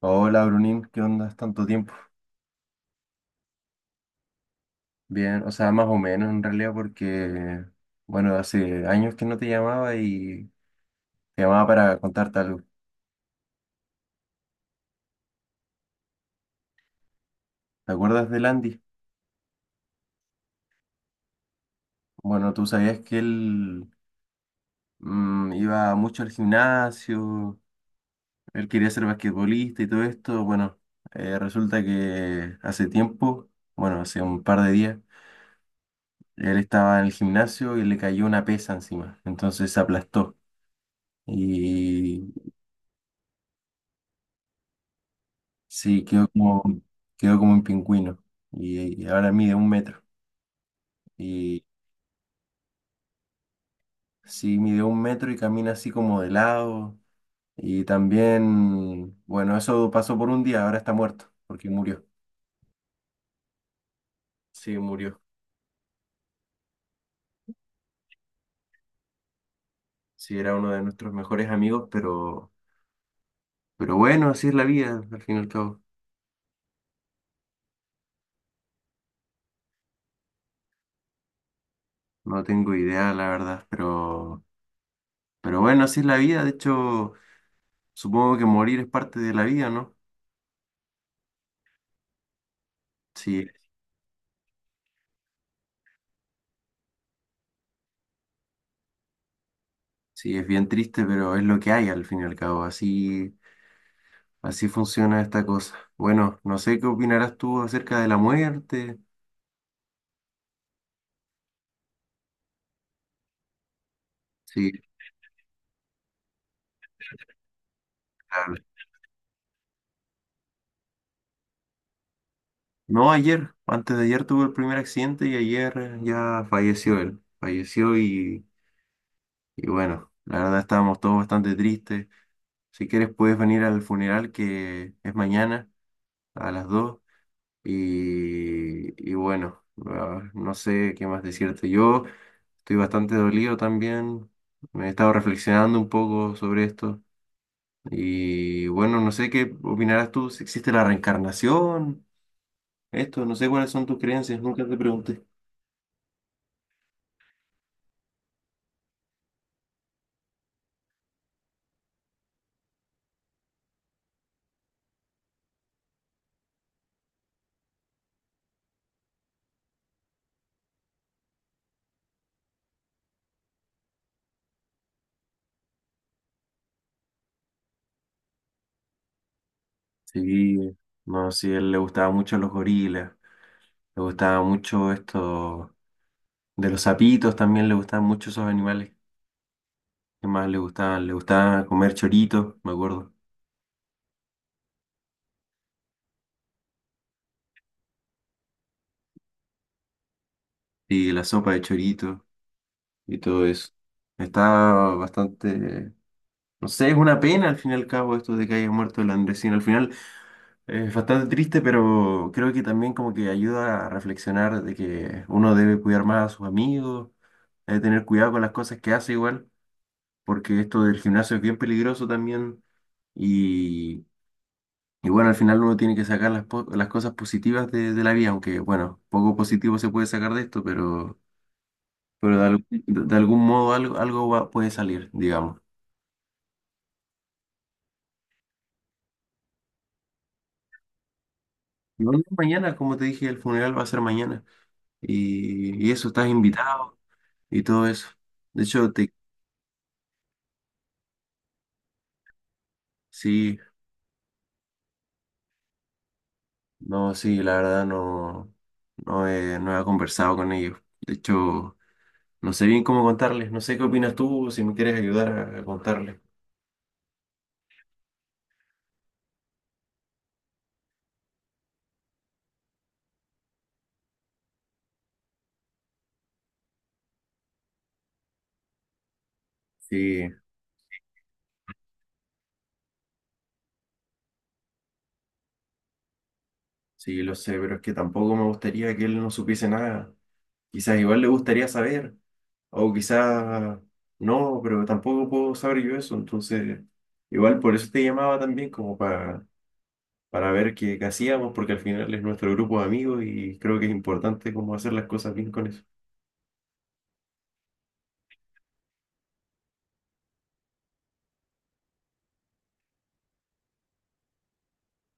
Hola Brunín, ¿qué onda? ¿Es ¿Tanto tiempo? Bien, o sea, más o menos en realidad porque, bueno, hace años que no te llamaba y te llamaba para contarte algo. ¿Te acuerdas de Landy? Bueno, tú sabías que él iba mucho al gimnasio, él quería ser basquetbolista y todo esto. Bueno, resulta que hace tiempo, bueno, hace un par de días, él estaba en el gimnasio y le cayó una pesa encima, entonces se aplastó. Sí, quedó como un pingüino. Y ahora mide un metro. Y sí, mide un metro y camina así como de lado. Y también, bueno, eso pasó por un día, ahora está muerto, porque murió. Sí, murió. Sí, era uno de nuestros mejores amigos, pero bueno, así es la vida, al fin y al cabo. No tengo idea, la verdad, pero bueno, así es la vida. De hecho, supongo que morir es parte de la vida, ¿no? Sí, sí, es bien triste, pero es lo que hay, al fin y al cabo. Así. Así funciona esta cosa. Bueno, no sé qué opinarás tú acerca de la muerte. Sí, claro. No, ayer, antes de ayer tuve el primer accidente y ayer ya falleció él. Falleció y bueno, la verdad estábamos todos bastante tristes. Si quieres puedes venir al funeral que es mañana a las 2 y bueno, ah, no sé qué más decirte. Yo estoy bastante dolido también. Me he estado reflexionando un poco sobre esto. Y bueno, no sé qué opinarás tú, si existe la reencarnación, esto, no sé cuáles son tus creencias, nunca te pregunté. Sí, no, sí, a él le gustaba mucho los gorilas, le gustaba mucho esto de los sapitos, también le gustaban mucho esos animales. ¿Qué más le gustaban? Le gustaba comer choritos, me acuerdo, y la sopa de chorito y todo eso. Estaba bastante No sé, es una pena al fin y al cabo esto de que haya muerto el Andresín. Al final es bastante triste, pero creo que también como que ayuda a reflexionar de que uno debe cuidar más a sus amigos, debe tener cuidado con las cosas que hace igual, porque esto del gimnasio es bien peligroso también. Y, y bueno, al final uno tiene que sacar las cosas positivas de la vida, aunque bueno, poco positivo se puede sacar de esto, pero de algún modo algo puede salir, digamos. Y bueno, mañana, como te dije, el funeral va a ser mañana. Y eso, estás invitado y todo eso. De hecho, sí, no, sí, la verdad no, no he conversado con ellos. De hecho, no sé bien cómo contarles. No sé qué opinas tú, si me quieres ayudar a contarles. Sí, sí, lo sé, pero es que tampoco me gustaría que él no supiese nada. Quizás igual le gustaría saber, o quizás no, pero tampoco puedo saber yo eso. Entonces, igual por eso te llamaba también, como para ver qué hacíamos, porque al final es nuestro grupo de amigos y creo que es importante como hacer las cosas bien con eso.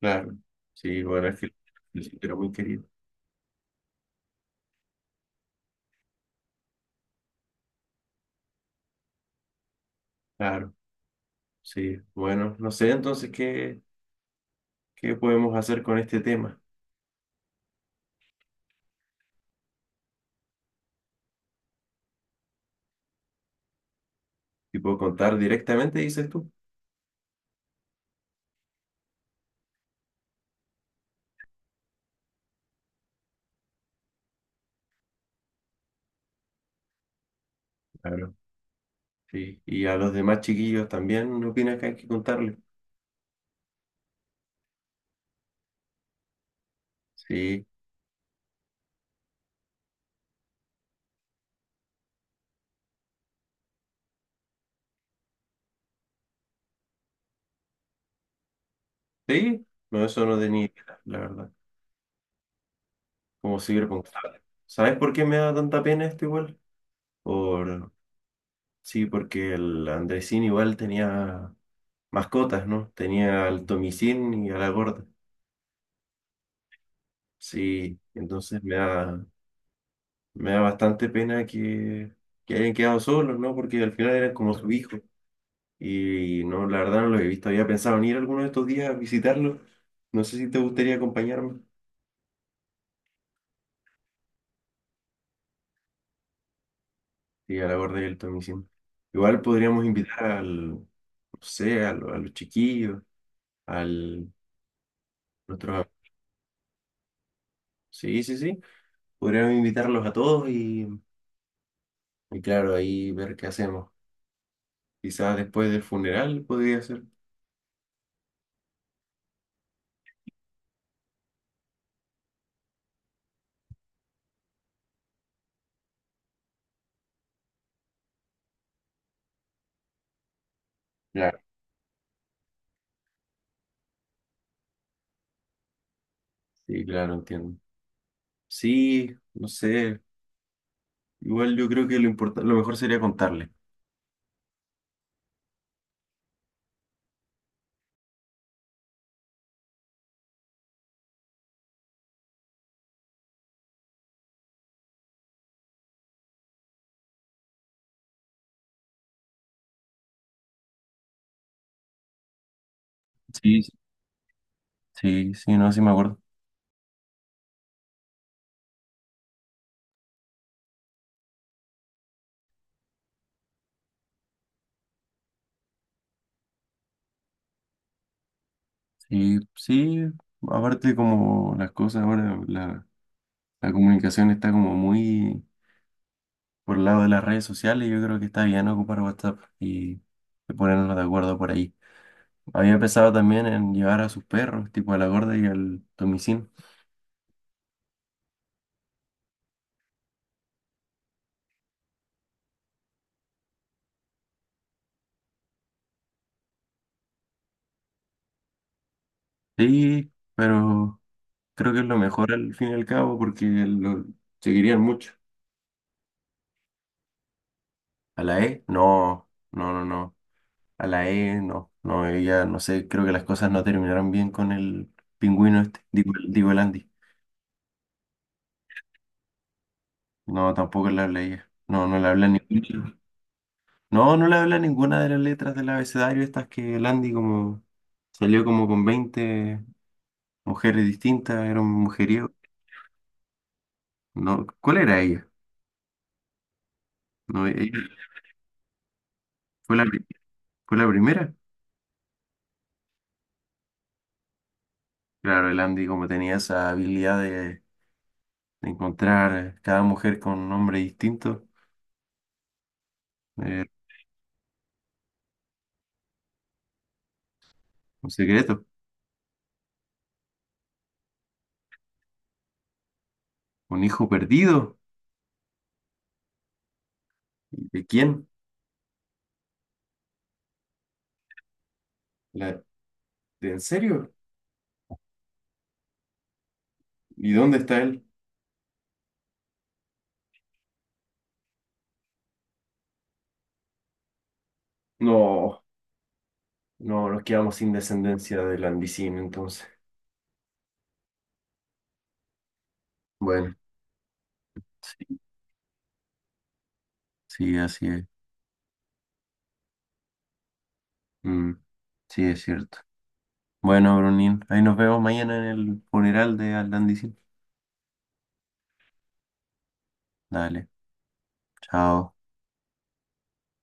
Claro, sí, bueno, es que el sitio era muy querido. Claro, sí, bueno, no sé entonces qué podemos hacer con este tema. Tipo, contar directamente, dices tú. Claro, sí. Y a los demás chiquillos también, ¿no opinas que hay que contarle? Sí, sí, no, eso no tenía idea, la verdad. ¿Cómo sirve contarle? ¿Sabes por qué me da tanta pena esto igual? Por, Sí, porque el Andresín igual tenía mascotas, ¿no? Tenía al Tomicín y a la gorda. Sí, entonces me da bastante pena que hayan quedado solos, ¿no? Porque al final eran como su hijo. Y no, la verdad no los he visto. Había pensado en ir alguno de estos días a visitarlos. No sé si te gustaría acompañarme. Sí, a la gorda y al Tomicín. Igual podríamos invitar no sé, a los chiquillos, al nuestro... sí, sí, sí. Podríamos invitarlos a todos. Y claro, ahí ver qué hacemos. Quizás después del funeral podría ser. Claro. Sí, claro, entiendo. Sí, no sé. Igual yo creo que lo mejor sería contarle. Sí, sí, sí, no, sí me acuerdo. Sí, sí, aparte como las cosas ahora, la comunicación está como muy por el lado de las redes sociales, yo creo que está bien ocupar WhatsApp y ponernos de acuerdo por ahí. Había pensado también en llevar a sus perros, tipo a la gorda y al Tomicín. Sí, pero... Creo que es lo mejor al fin y al cabo porque lo seguirían mucho. A la E, no, no, no, no. A la E, no, no, ella, no sé, creo que las cosas no terminaron bien con el pingüino este, digo el Andy. No, tampoco le habla ella. No, no le habla ninguna. No, no le habla ninguna de las letras del abecedario, estas que el Andy como salió como con 20 mujeres distintas, era un mujeriego. No, ¿cuál era ella? No, ella fue la primera. Claro, el Andy como tenía esa habilidad de encontrar cada mujer con un nombre distinto, eh, un secreto, un hijo perdido. ¿De quién? La- ¿En serio? ¿Y dónde está él? No, no, nos quedamos sin descendencia de Landicín, entonces. Bueno, sí, sí, así es. Mm, sí, es cierto. Bueno, Brunín, ahí nos vemos mañana en el funeral de Landicín. Dale, chao.